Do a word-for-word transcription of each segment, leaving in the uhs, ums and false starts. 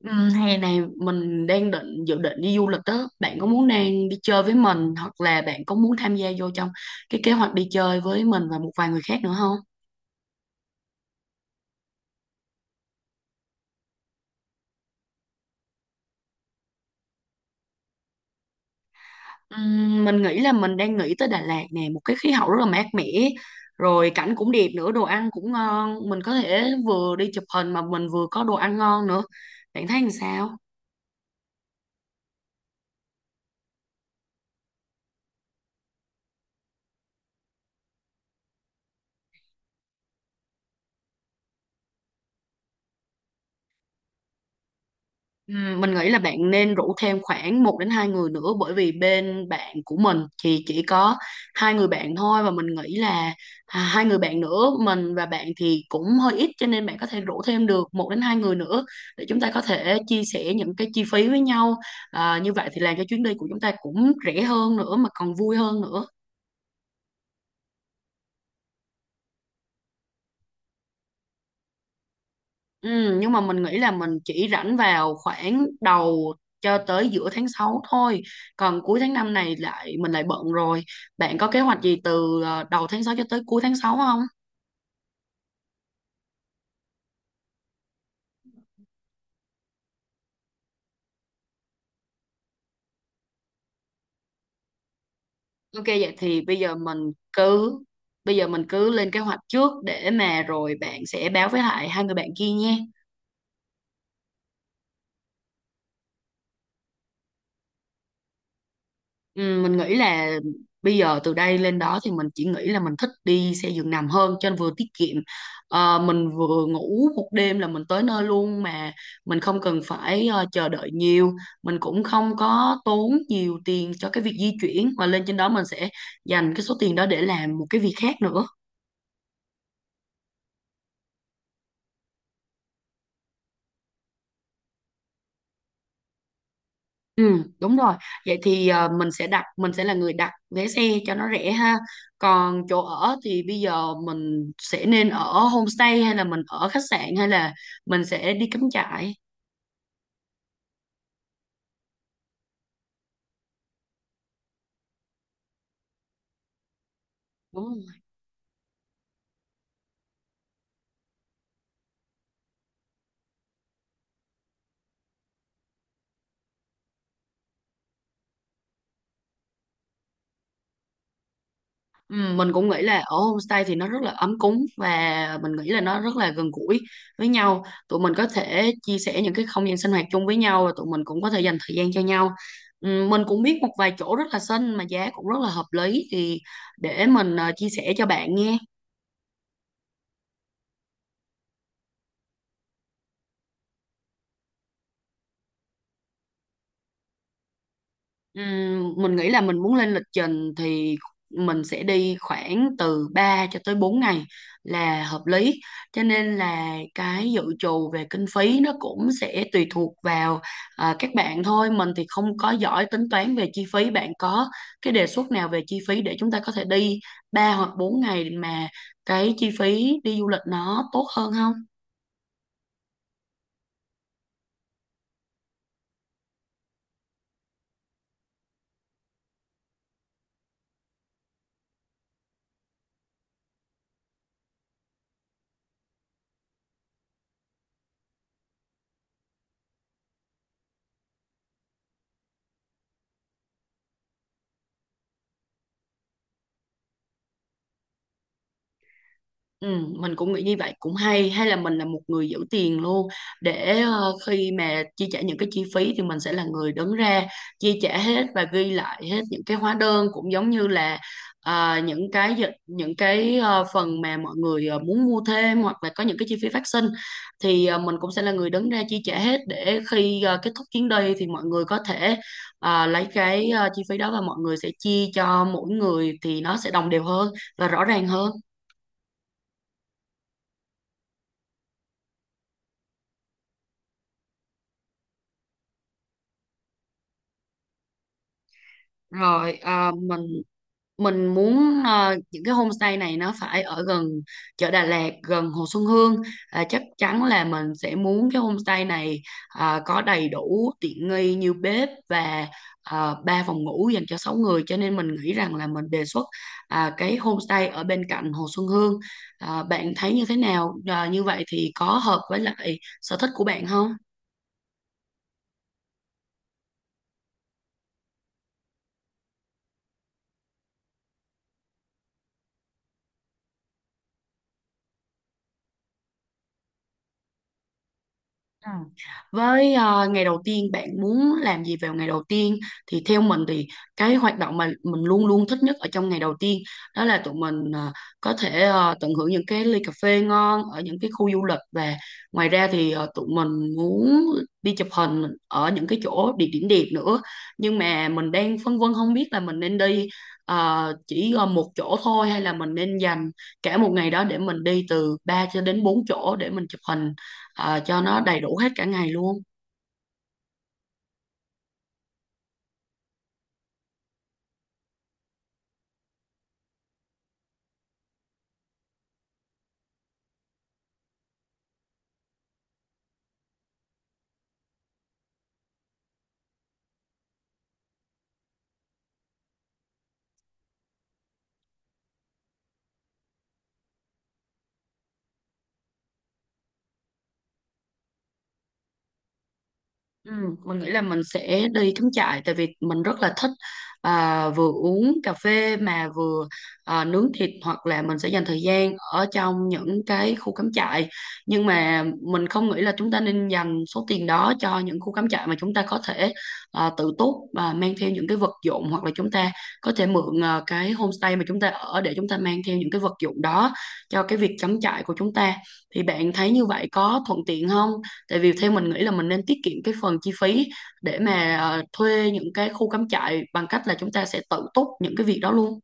Ừ, hè này mình đang định dự định đi du lịch đó. Bạn có muốn đang đi chơi với mình hoặc là bạn có muốn tham gia vô trong cái kế hoạch đi chơi với mình và một vài người khác nữa không? Ừm, mình nghĩ là mình đang nghĩ tới Đà Lạt nè, một cái khí hậu rất là mát mẻ, rồi cảnh cũng đẹp nữa, đồ ăn cũng ngon, mình có thể vừa đi chụp hình mà mình vừa có đồ ăn ngon nữa. Bạn thấy làm sao? Ừm, Mình nghĩ là bạn nên rủ thêm khoảng một đến hai người nữa, bởi vì bên bạn của mình thì chỉ có hai người bạn thôi. Và mình nghĩ là à, hai người bạn nữa, mình và bạn, thì cũng hơi ít, cho nên bạn có thể rủ thêm được một đến hai người nữa để chúng ta có thể chia sẻ những cái chi phí với nhau. À, như vậy thì làm cho chuyến đi của chúng ta cũng rẻ hơn nữa mà còn vui hơn nữa. Ừ, nhưng mà mình nghĩ là mình chỉ rảnh vào khoảng đầu cho tới giữa tháng sáu thôi. Còn cuối tháng năm này lại mình lại bận rồi. Bạn có kế hoạch gì từ ờ, đầu tháng sáu cho tới cuối tháng sáu không? Ok, vậy thì bây giờ mình cứ bây giờ mình cứ lên kế hoạch trước để mà rồi bạn sẽ báo với lại hai người bạn kia nha. Ừ, mình nghĩ là bây giờ từ đây lên đó thì mình chỉ nghĩ là mình thích đi xe giường nằm hơn, cho nên vừa tiết kiệm. Ờ, mình vừa ngủ một đêm là mình tới nơi luôn, mà mình không cần phải ờ, chờ đợi nhiều. Mình cũng không có tốn nhiều tiền cho cái việc di chuyển, và lên trên đó mình sẽ dành cái số tiền đó để làm một cái việc khác nữa. Ừ, đúng rồi. Vậy thì ờ, mình sẽ đặt mình sẽ là người đặt vé xe cho nó rẻ ha. Còn chỗ ở thì bây giờ mình sẽ nên ở homestay, hay là mình ở khách sạn, hay là mình sẽ đi cắm trại? Đúng không? Ừ, mình cũng nghĩ là ở homestay thì nó rất là ấm cúng, và mình nghĩ là nó rất là gần gũi với nhau. Tụi mình có thể chia sẻ những cái không gian sinh hoạt chung với nhau, và tụi mình cũng có thể dành thời gian cho nhau. Ừ, mình cũng biết một vài chỗ rất là xinh mà giá cũng rất là hợp lý, thì để mình ờ, chia sẻ cho bạn nghe. Ừm, mình nghĩ là mình muốn lên lịch trình thì mình sẽ đi khoảng từ ba cho tới bốn ngày là hợp lý. Cho nên là cái dự trù về kinh phí nó cũng sẽ tùy thuộc vào à, các bạn thôi. Mình thì không có giỏi tính toán về chi phí. Bạn có cái đề xuất nào về chi phí để chúng ta có thể đi ba hoặc bốn ngày mà cái chi phí đi du lịch nó tốt hơn không? Ừ, mình cũng nghĩ như vậy cũng hay, hay là mình là một người giữ tiền luôn, để ờ, khi mà chi trả những cái chi phí thì mình sẽ là người đứng ra chi trả hết và ghi lại hết những cái hóa đơn. Cũng giống như là ờ, những cái dịch- những cái ờ, phần mà mọi người ờ, muốn mua thêm, hoặc là có những cái chi phí phát sinh, thì ờ, mình cũng sẽ là người đứng ra chi trả hết. Để khi ờ, kết thúc chuyến đi thì mọi người có thể ờ, lấy cái ờ, chi phí đó, và mọi người sẽ chia cho mỗi người thì nó sẽ đồng đều hơn và rõ ràng hơn. Rồi à, mình mình muốn à, những cái homestay này nó phải ở gần chợ Đà Lạt, gần Hồ Xuân Hương. À, chắc chắn là mình sẽ muốn cái homestay này à, có đầy đủ tiện nghi như bếp và à, ba phòng ngủ dành cho sáu người. Cho nên mình nghĩ rằng là mình đề xuất à, cái homestay ở bên cạnh Hồ Xuân Hương. À, bạn thấy như thế nào? À, như vậy thì có hợp với lại sở thích của bạn không? Ừ. Với ờ, ngày đầu tiên bạn muốn làm gì vào ngày đầu tiên? Thì theo mình thì cái hoạt động mà mình luôn luôn thích nhất ở trong ngày đầu tiên đó là tụi mình ờ, có thể ờ, tận hưởng những cái ly cà phê ngon ở những cái khu du lịch. Và ngoài ra thì ờ, tụi mình muốn đi chụp hình ở những cái chỗ địa điểm đẹp nữa, nhưng mà mình đang phân vân không biết là mình nên đi ờ, chỉ ờ, một chỗ thôi, hay là mình nên dành cả một ngày đó để mình đi từ ba cho đến bốn chỗ để mình chụp hình ờ, cho nó đầy đủ hết cả ngày luôn. Ừ, mình nghĩ là mình sẽ đi cắm trại, tại vì mình rất là thích à, vừa uống cà phê mà vừa à, nướng thịt, hoặc là mình sẽ dành thời gian ở trong những cái khu cắm trại. Nhưng mà mình không nghĩ là chúng ta nên dành số tiền đó cho những khu cắm trại, mà chúng ta có thể à, tự túc và mang theo những cái vật dụng, hoặc là chúng ta có thể mượn à, cái homestay mà chúng ta ở để chúng ta mang theo những cái vật dụng đó cho cái việc cắm trại của chúng ta. Thì bạn thấy như vậy có thuận tiện không? Tại vì theo mình nghĩ là mình nên tiết kiệm cái phần chi phí để mà ờ, thuê những cái khu cắm trại bằng cách là chúng ta sẽ tự túc những cái việc đó luôn.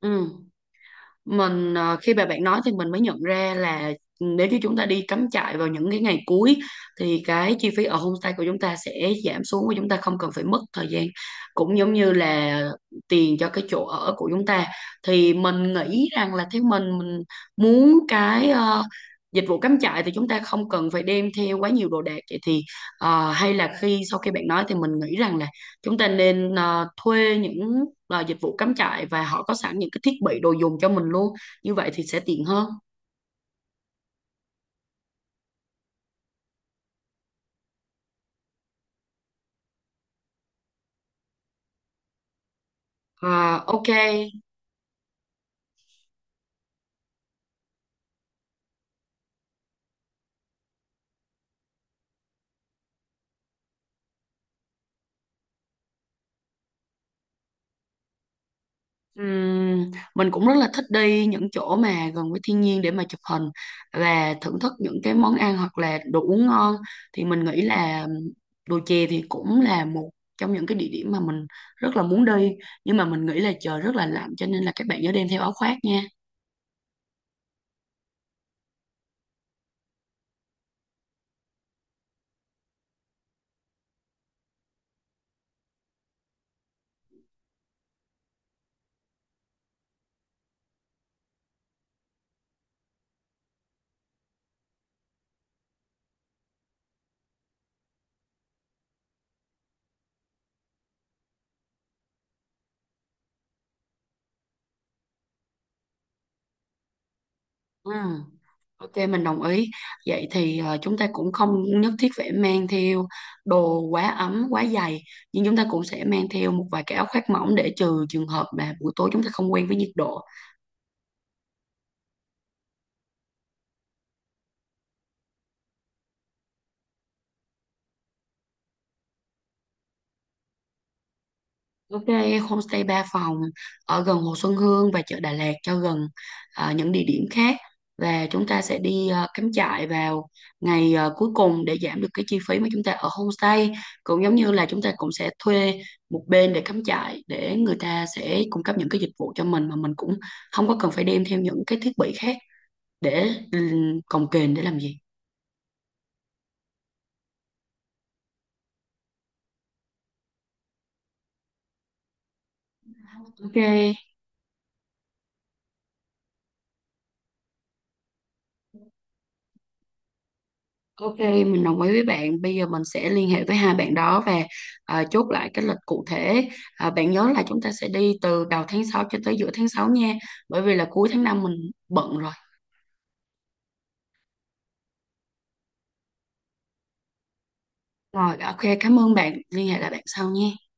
Ừ. Mình ờ, khi mà bạn nói thì mình mới nhận ra là ừ, nếu như chúng ta đi cắm trại vào những cái ngày cuối thì cái chi phí ở homestay của chúng ta sẽ giảm xuống, và chúng ta không cần phải mất thời gian, cũng giống như là tiền cho cái chỗ ở của chúng ta. Thì mình nghĩ rằng là theo mình mình muốn cái ờ, dịch vụ cắm trại thì chúng ta không cần phải đem theo quá nhiều đồ đạc. Vậy thì ờ, hay là khi sau khi bạn nói thì mình nghĩ rằng là chúng ta nên ờ, thuê những là dịch vụ cắm trại và họ có sẵn những cái thiết bị đồ dùng cho mình luôn, như vậy thì sẽ tiện hơn. À, ok. Ừm, mình cũng rất là thích đi những chỗ mà gần với thiên nhiên để mà chụp hình và thưởng thức những cái món ăn hoặc là đồ uống ngon. Thì mình nghĩ là đồi chè thì cũng là một trong những cái địa điểm mà mình rất là muốn đi, nhưng mà mình nghĩ là trời rất là lạnh cho nên là các bạn nhớ đem theo áo khoác nha. Ừm. Ok, mình đồng ý. Vậy thì ờ, chúng ta cũng không nhất thiết phải mang theo đồ quá ấm, quá dày, nhưng chúng ta cũng sẽ mang theo một vài cái áo khoác mỏng để trừ trường hợp mà buổi tối chúng ta không quen với nhiệt độ. Ok, homestay ba phòng ở gần Hồ Xuân Hương và chợ Đà Lạt, cho gần à, những địa điểm khác, và chúng ta sẽ đi à, cắm trại vào ngày à, cuối cùng để giảm được cái chi phí mà chúng ta ở homestay. Cũng giống như là chúng ta cũng sẽ thuê một bên để cắm trại, để người ta sẽ cung cấp những cái dịch vụ cho mình, mà mình cũng không có cần phải đem theo những cái thiết bị khác để ừ, cồng kềnh để làm gì. Ok, Ok, mình đồng ý với bạn. Bây giờ mình sẽ liên hệ với hai bạn đó và à, chốt lại cái lịch cụ thể. À, bạn nhớ là chúng ta sẽ đi từ đầu tháng sáu cho tới giữa tháng sáu nha. Bởi vì là cuối tháng năm mình bận rồi. Rồi, ok, cảm ơn bạn. Liên hệ lại bạn sau nha.